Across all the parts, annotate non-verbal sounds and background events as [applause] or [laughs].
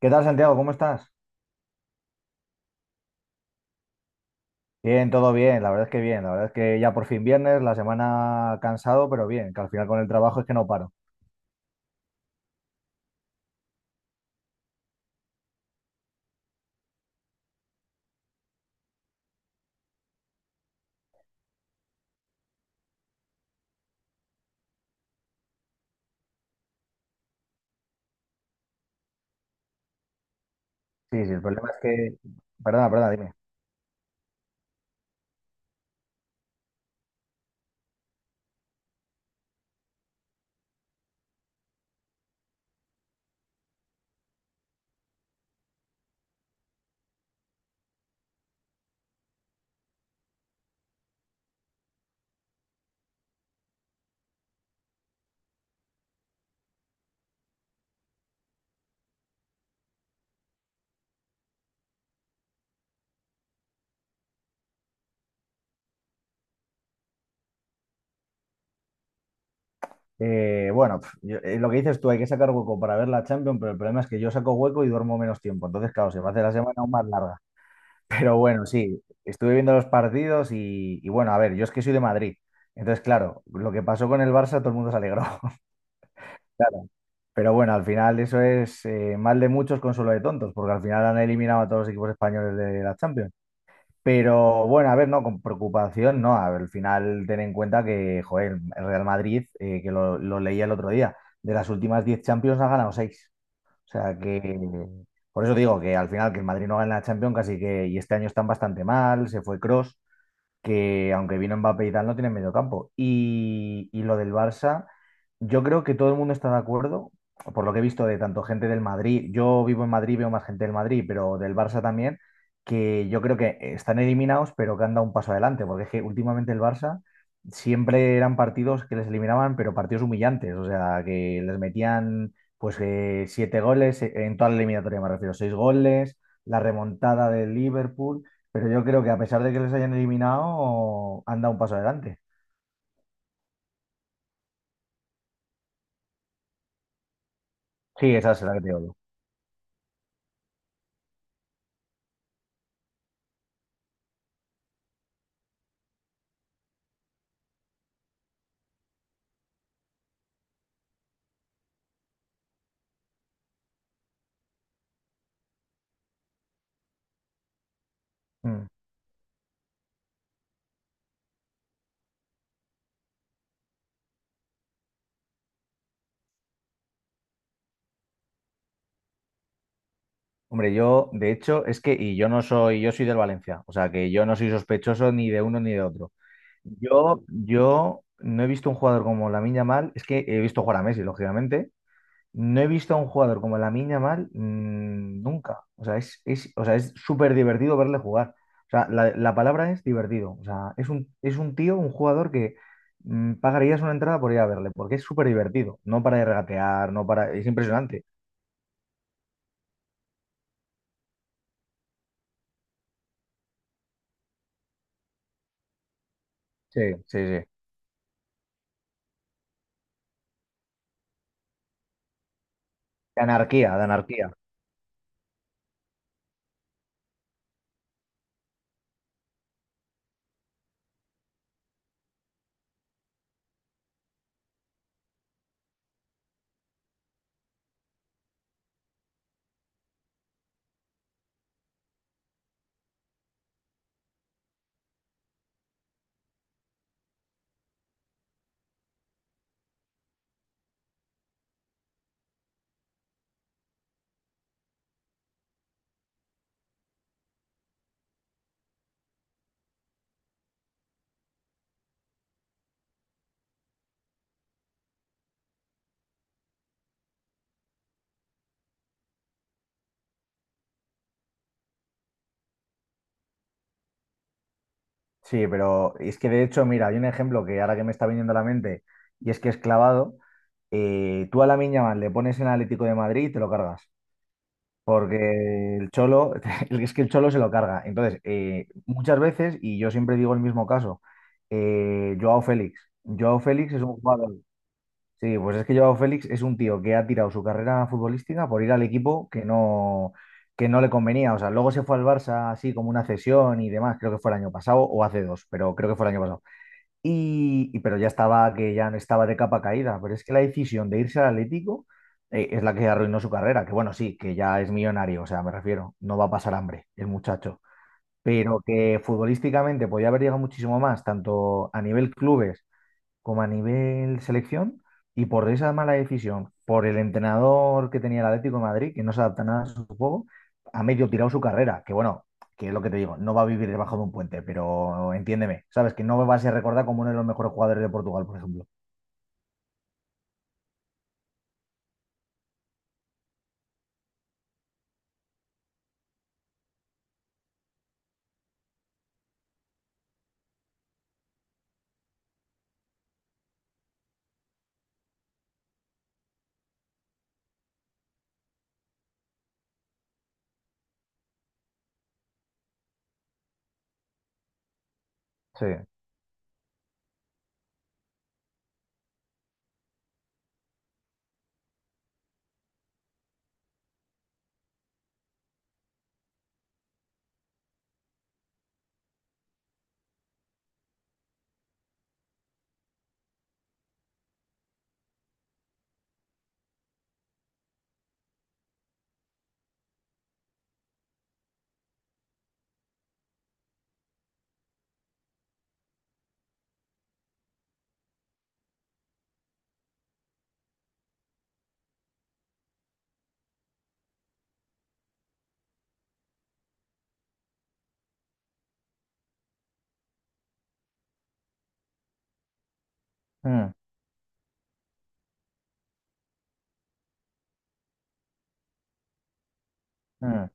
¿Qué tal, Santiago? ¿Cómo estás? Bien, todo bien, la verdad es que bien, la verdad es que ya por fin viernes, la semana cansado, pero bien, que al final con el trabajo es que no paro. Sí, sí, el problema es que. Perdona, perdona, dime. Bueno, lo que dices tú, hay que sacar hueco para ver la Champions, pero el problema es que yo saco hueco y duermo menos tiempo, entonces claro, se me hace la semana aún más larga. Pero bueno, sí, estuve viendo los partidos y bueno, a ver, yo es que soy de Madrid, entonces claro, lo que pasó con el Barça todo el mundo se alegró. Claro. Pero bueno, al final eso es mal de muchos, consuelo de tontos, porque al final han eliminado a todos los equipos españoles de la Champions. Pero bueno, a ver, no, con preocupación, no. A ver, al final ten en cuenta que, joder, el Real Madrid, que lo leía el otro día, de las últimas 10 Champions ha ganado seis. O sea que, por eso digo que al final que el Madrid no gana la Champions casi que, y este año están bastante mal, se fue Cross que aunque vino Mbappé y tal, no tiene medio campo. Y lo del Barça, yo creo que todo el mundo está de acuerdo, por lo que he visto de tanto gente del Madrid, yo vivo en Madrid, veo más gente del Madrid, pero del Barça también, que yo creo que están eliminados, pero que han dado un paso adelante, porque es que últimamente el Barça siempre eran partidos que les eliminaban, pero partidos humillantes, o sea, que les metían pues siete goles, en toda la eliminatoria me refiero, seis goles, la remontada del Liverpool. Pero yo creo que a pesar de que les hayan eliminado, han dado un paso adelante. Sí, esa es la que te digo yo. Mm. Hombre, yo, de hecho, es que, y yo no soy, yo soy del Valencia, o sea que yo no soy sospechoso ni de uno ni de otro. Yo no he visto un jugador como Lamine Yamal, es que he visto jugar a Messi, lógicamente. No he visto a un jugador como la Yamal nunca. O sea, o sea, es súper divertido verle jugar. O sea, la palabra es divertido. O sea, es un, tío, un jugador que pagarías una entrada por ir a verle, porque es súper divertido. No para de regatear, no para. Es impresionante. Sí, sí, sí. De anarquía, de anarquía. Sí, pero es que de hecho, mira, hay un ejemplo que ahora que me está viniendo a la mente, y es que es clavado. Tú a la Yamal le pones en Atlético de Madrid y te lo cargas. Porque el cholo, [laughs] es que el cholo se lo carga. Entonces, muchas veces, y yo siempre digo el mismo caso, Joao Félix. Joao Félix es un jugador. Sí, pues es que Joao Félix es un tío que ha tirado su carrera futbolística por ir al equipo que no, le convenía. O sea, luego se fue al Barça así como una cesión y demás, creo que fue el año pasado o hace dos, pero creo que fue el año pasado. Pero ya estaba, que ya no estaba de capa caída. Pero es que la decisión de irse al Atlético es la que arruinó su carrera. Que bueno, sí, que ya es millonario, o sea, me refiero, no va a pasar hambre el muchacho. Pero que futbolísticamente podía haber llegado muchísimo más, tanto a nivel clubes como a nivel selección y por esa mala decisión, por el entrenador que tenía el Atlético de Madrid, que no se adapta nada a su juego, ha medio tirado su carrera, que bueno, que es lo que te digo, no va a vivir debajo de un puente, pero entiéndeme, sabes que no va a ser recordado como uno de los mejores jugadores de Portugal, por ejemplo. Sí. Mm, mm.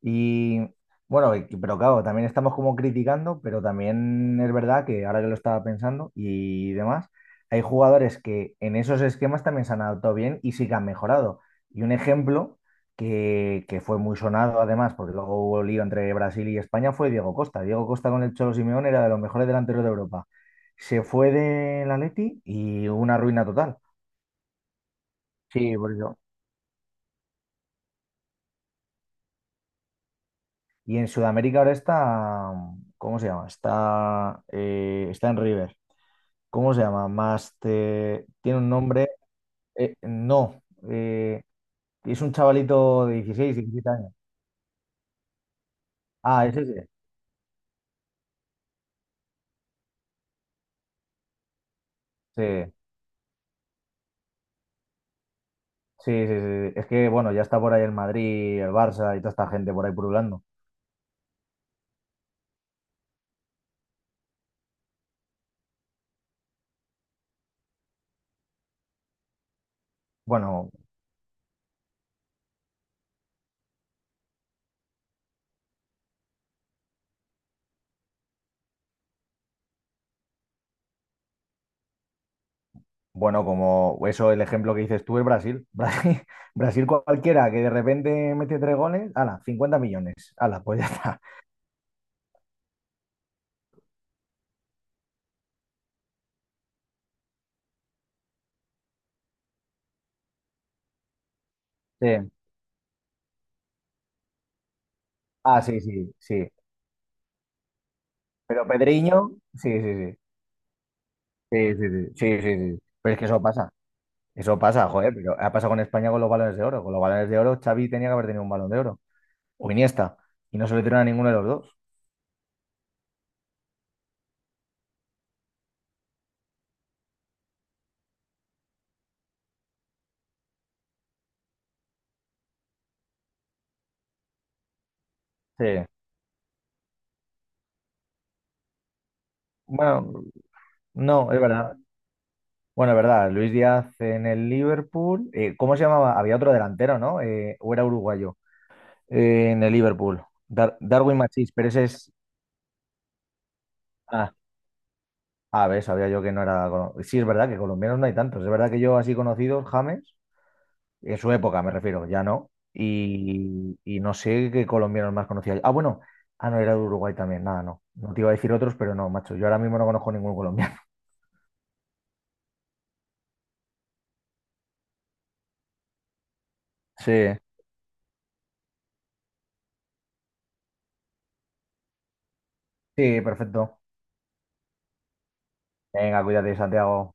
Y bueno, pero claro, también estamos como criticando, pero también es verdad que ahora que lo estaba pensando y demás, hay jugadores que en esos esquemas también se han adaptado bien y sí que han mejorado. Y un ejemplo que fue muy sonado además, porque luego hubo lío entre Brasil y España, fue Diego Costa. Diego Costa con el Cholo Simeone era de los mejores delanteros de Europa. Se fue del Atleti y hubo una ruina total. Sí, por eso. Y en Sudamérica ahora está, ¿cómo se llama? Está en River. ¿Cómo se llama? Master. Tiene un nombre. No. eh, es un chavalito de 16, 17 años. Ah, es ese. Sí, sí, sí, sí. Es que, bueno, ya está por ahí el Madrid, el Barça y toda esta gente por ahí pululando. Bueno, bueno, como eso, el ejemplo que dices tú es Brasil. [laughs] Brasil cualquiera que de repente mete tres goles, ala, 50 millones. Ala, pues ya está. Sí. Ah, sí, sí, sí. Pero Pedriño, sí, sí, sí. Sí, sí, sí. Sí, sí, sí. Pero es que eso pasa. Eso pasa, joder, pero ha pasado con España con los balones de oro. Con los balones de oro, Xavi tenía que haber tenido un balón de oro. O Iniesta. Y no se lo dieron a ninguno de los dos. Sí. Bueno, no, es verdad. Bueno, es verdad. Luis Díaz en el Liverpool. ¿Cómo se llamaba? Había otro delantero, ¿no? O era uruguayo. En el Liverpool. Darwin Machís, pero ese es. Ah, a ver, sabía yo que no era. Sí, es verdad que colombianos no hay tantos. Es verdad que yo así conocidos, James. En su época, me refiero, ya no. Y no sé qué colombianos más conocía. Ah, bueno, ah, no, era de Uruguay también, nada, no. No te iba a decir otros, pero no, macho, yo ahora mismo no conozco ningún colombiano. [laughs] Sí. Sí, perfecto. Venga, cuídate, Santiago.